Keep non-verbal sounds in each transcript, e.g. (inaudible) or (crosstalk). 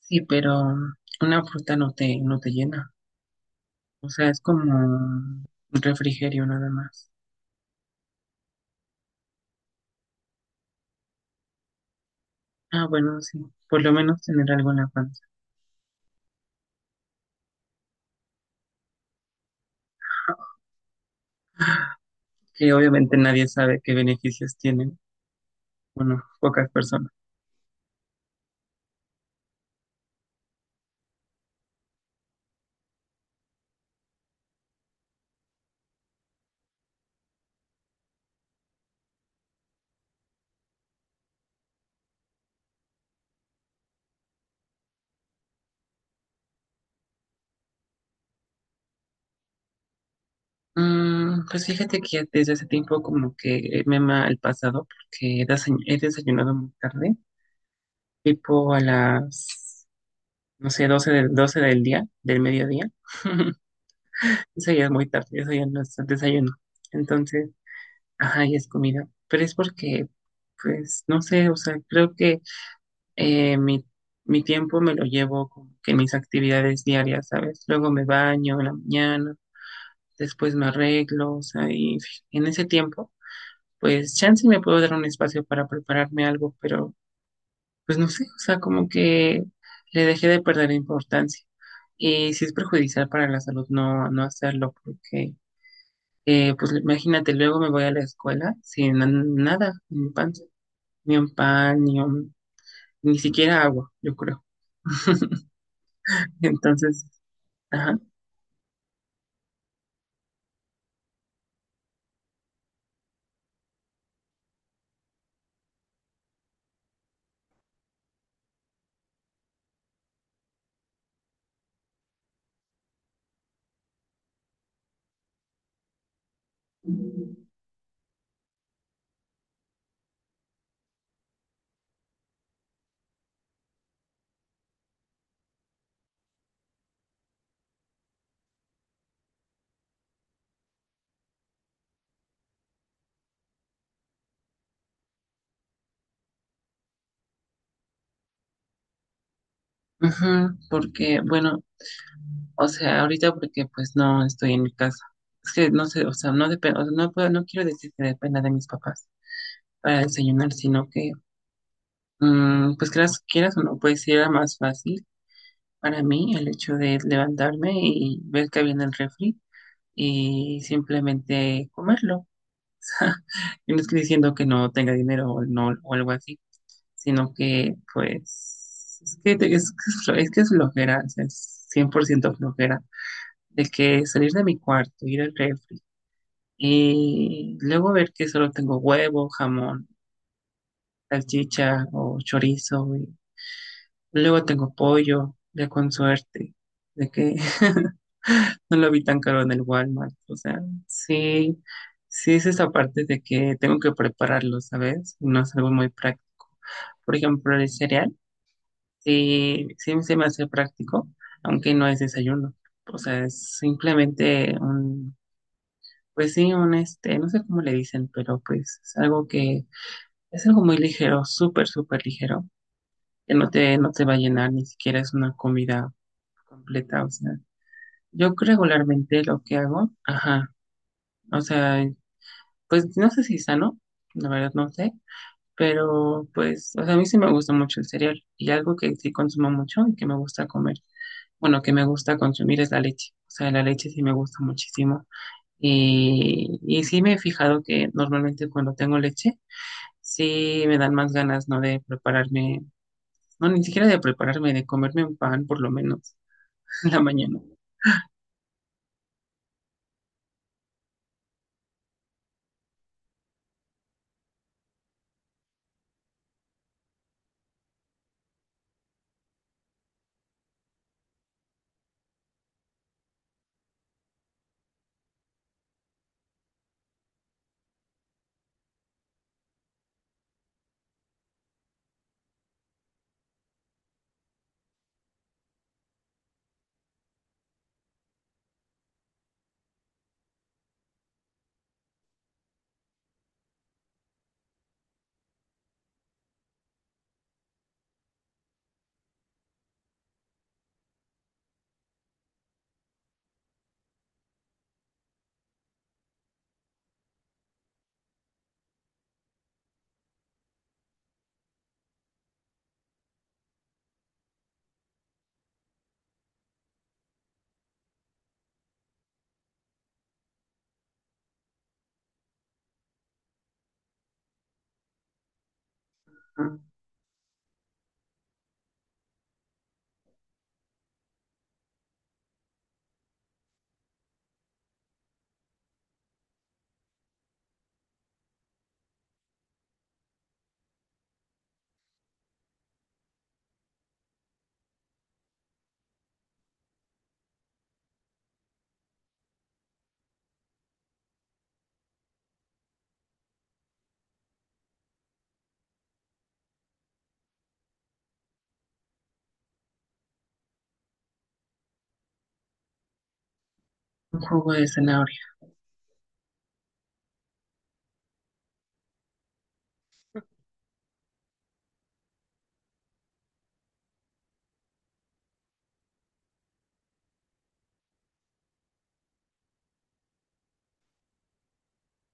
Sí, pero una fruta no te llena. O sea, es como un refrigerio nada más. Ah, bueno, sí. Por lo menos tener algo en la panza. Que obviamente nadie sabe qué beneficios tienen. Bueno, pocas personas. Pues fíjate que desde hace tiempo como que me ama el pasado porque he desayunado muy tarde, tipo a las, no sé, 12 del día, del mediodía. (laughs) Eso ya es muy tarde, eso ya no es desayuno. Entonces... Ajá, y es comida. Pero es porque, pues, no sé, o sea, creo que eh, mi, mi tiempo me lo llevo con que en mis actividades diarias, ¿sabes? Luego me baño en la mañana, después me arreglo, o sea, y en ese tiempo, pues, chance me puedo dar un espacio para prepararme algo, pero, pues, no sé, o sea, como que le dejé de perder importancia. Y si es perjudicial para la salud, no hacerlo, porque, pues, imagínate, luego me voy a la escuela sin na- nada en mi panza. Ni un pan, ni siquiera agua, yo creo. (laughs) Entonces, ajá. Ujú, porque, bueno, o sea, ahorita porque pues no estoy en mi casa. Es que no sé, o sea, no depende, o sea, no puedo, no quiero decir que dependa de mis papás para desayunar, sino que, pues quieras o no, pues sí era más fácil para mí el hecho de levantarme y ver que había en el refri y simplemente comerlo. Y no estoy diciendo que no tenga dinero o no, o algo así, sino que pues es que te- es, (laughs) es que es flojera, o sea, es 100% flojera, de que salir de mi cuarto, ir al refri y luego ver que solo tengo huevo, jamón, salchicha o chorizo, y luego tengo pollo, ya con suerte, de que (laughs) no lo vi tan caro en el Walmart, o sea, sí, sí es esa parte de que tengo que prepararlo, ¿sabes? No es algo muy práctico. Por ejemplo, el cereal. Sí, sí se me hace práctico, aunque no es desayuno. O sea, pues sí, un este, no sé cómo le dicen, pero pues es algo muy ligero, súper ligero, que no te va a llenar, ni siquiera es una comida completa. O sea, yo regularmente lo que hago, ajá, o sea, pues no sé si es sano, la verdad no sé, pero pues, o sea, a mí sí me gusta mucho el cereal y algo que sí consumo mucho y que me gusta comer, bueno, que me gusta consumir es la leche. O sea, la leche sí me gusta muchísimo. Y sí me he fijado que normalmente cuando tengo leche, sí me dan más ganas, ¿no? De prepararme, no, ni siquiera de prepararme, de comerme un pan por lo menos (laughs) en la mañana. Ah, un jugo de zanahoria.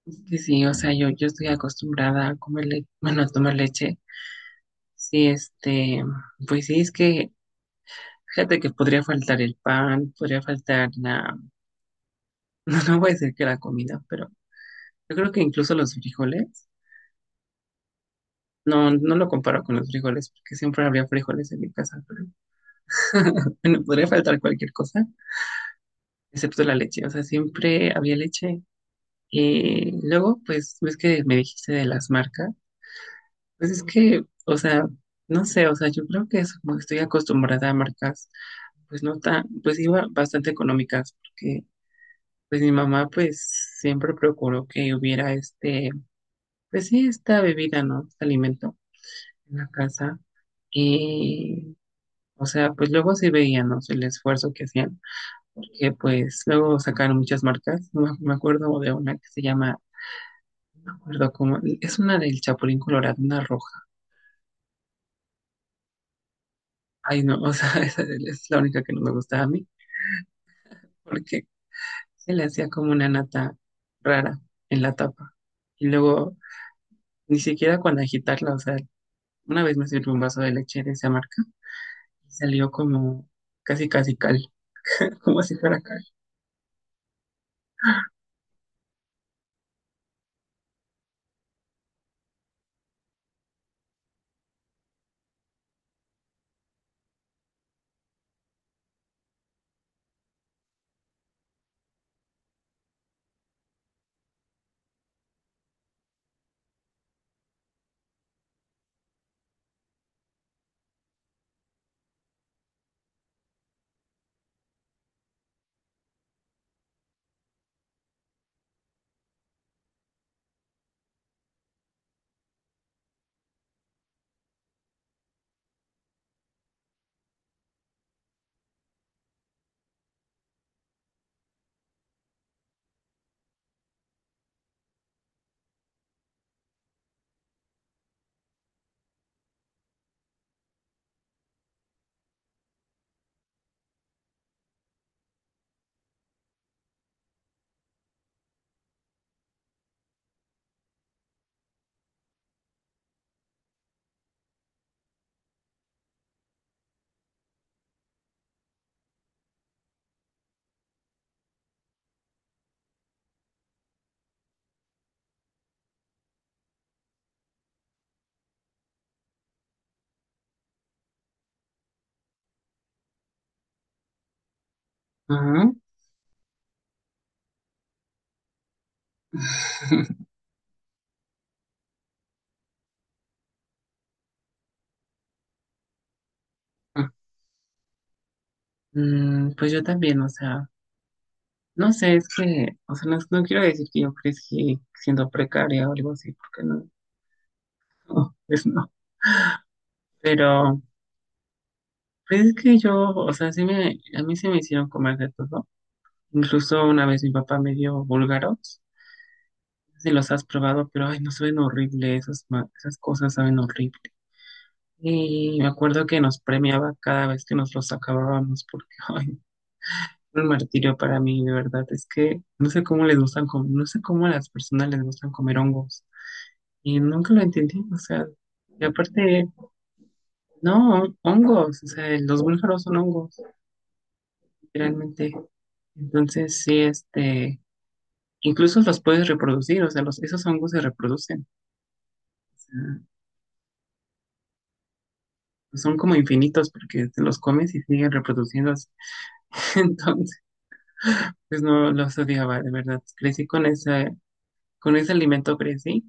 Es que sí, o sea, yo estoy acostumbrada a comer leche, bueno, a tomar leche. Sí, este, pues sí, es que fíjate que podría faltar el pan, (laughs) no voy a decir que la comida, pero yo creo que incluso los frijoles. No, no lo comparo con los frijoles, porque siempre había frijoles en mi casa. Pero... (laughs) bueno, podría faltar cualquier cosa, excepto la leche. O sea, siempre había leche. Y luego, pues, ves que me dijiste de las marcas. Pues es que, o sea, no sé, o sea, yo creo que es como que estoy acostumbrada a marcas, pues no tan, pues iba bastante económicas, porque pues mi mamá pues siempre procuró que hubiera este, pues sí, esta bebida, ¿no? Este alimento en la casa. Y o sea, pues luego sí veíamos el esfuerzo que hacían, porque pues luego sacaron muchas marcas. Me acuerdo de una que se llama, no me acuerdo cómo, es una del Chapulín Colorado, una roja. Ay, no, o sea, (laughs) esa es la única que no me gustaba a mí, porque se le hacía como una nata rara en la tapa. Y luego, ni siquiera cuando agitarla, o sea, una vez me sirvió un vaso de leche de esa marca y salió como casi, casi cal, (laughs) como si fuera cal. Ajá. (laughs) Pues yo también, o sea, no sé, es que, o sea, no, no quiero decir que yo crecí siendo precaria o algo así, porque no, no, pues no. Pero, pues es que yo, o sea, sí me, a mí se me hicieron comer de todo. Incluso una vez mi papá me dio búlgaros, no sé si los has probado, pero ay, no saben horrible, esas cosas saben horrible. Y me acuerdo que nos premiaba cada vez que nos los acabábamos, porque, (laughs) ay, fue un martirio para mí, de verdad, es que no sé cómo les gustan, no sé cómo a las personas les gustan comer hongos. Y nunca lo entendí, o sea, y aparte, no, hongos, o sea, los búlgaros son hongos, literalmente. Entonces, sí, este, incluso los puedes reproducir, o sea, los, esos hongos se reproducen, o sea, pues son como infinitos porque te los comes y siguen reproduciéndose. (laughs) Entonces, pues no los odiaba, de verdad. Crecí con ese alimento crecí,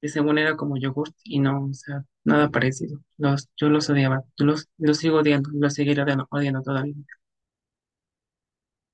que según era como yogurt y no, o sea, nada parecido. Los, yo los odiaba, los sigo odiando, los seguiré odiando, odiando todavía.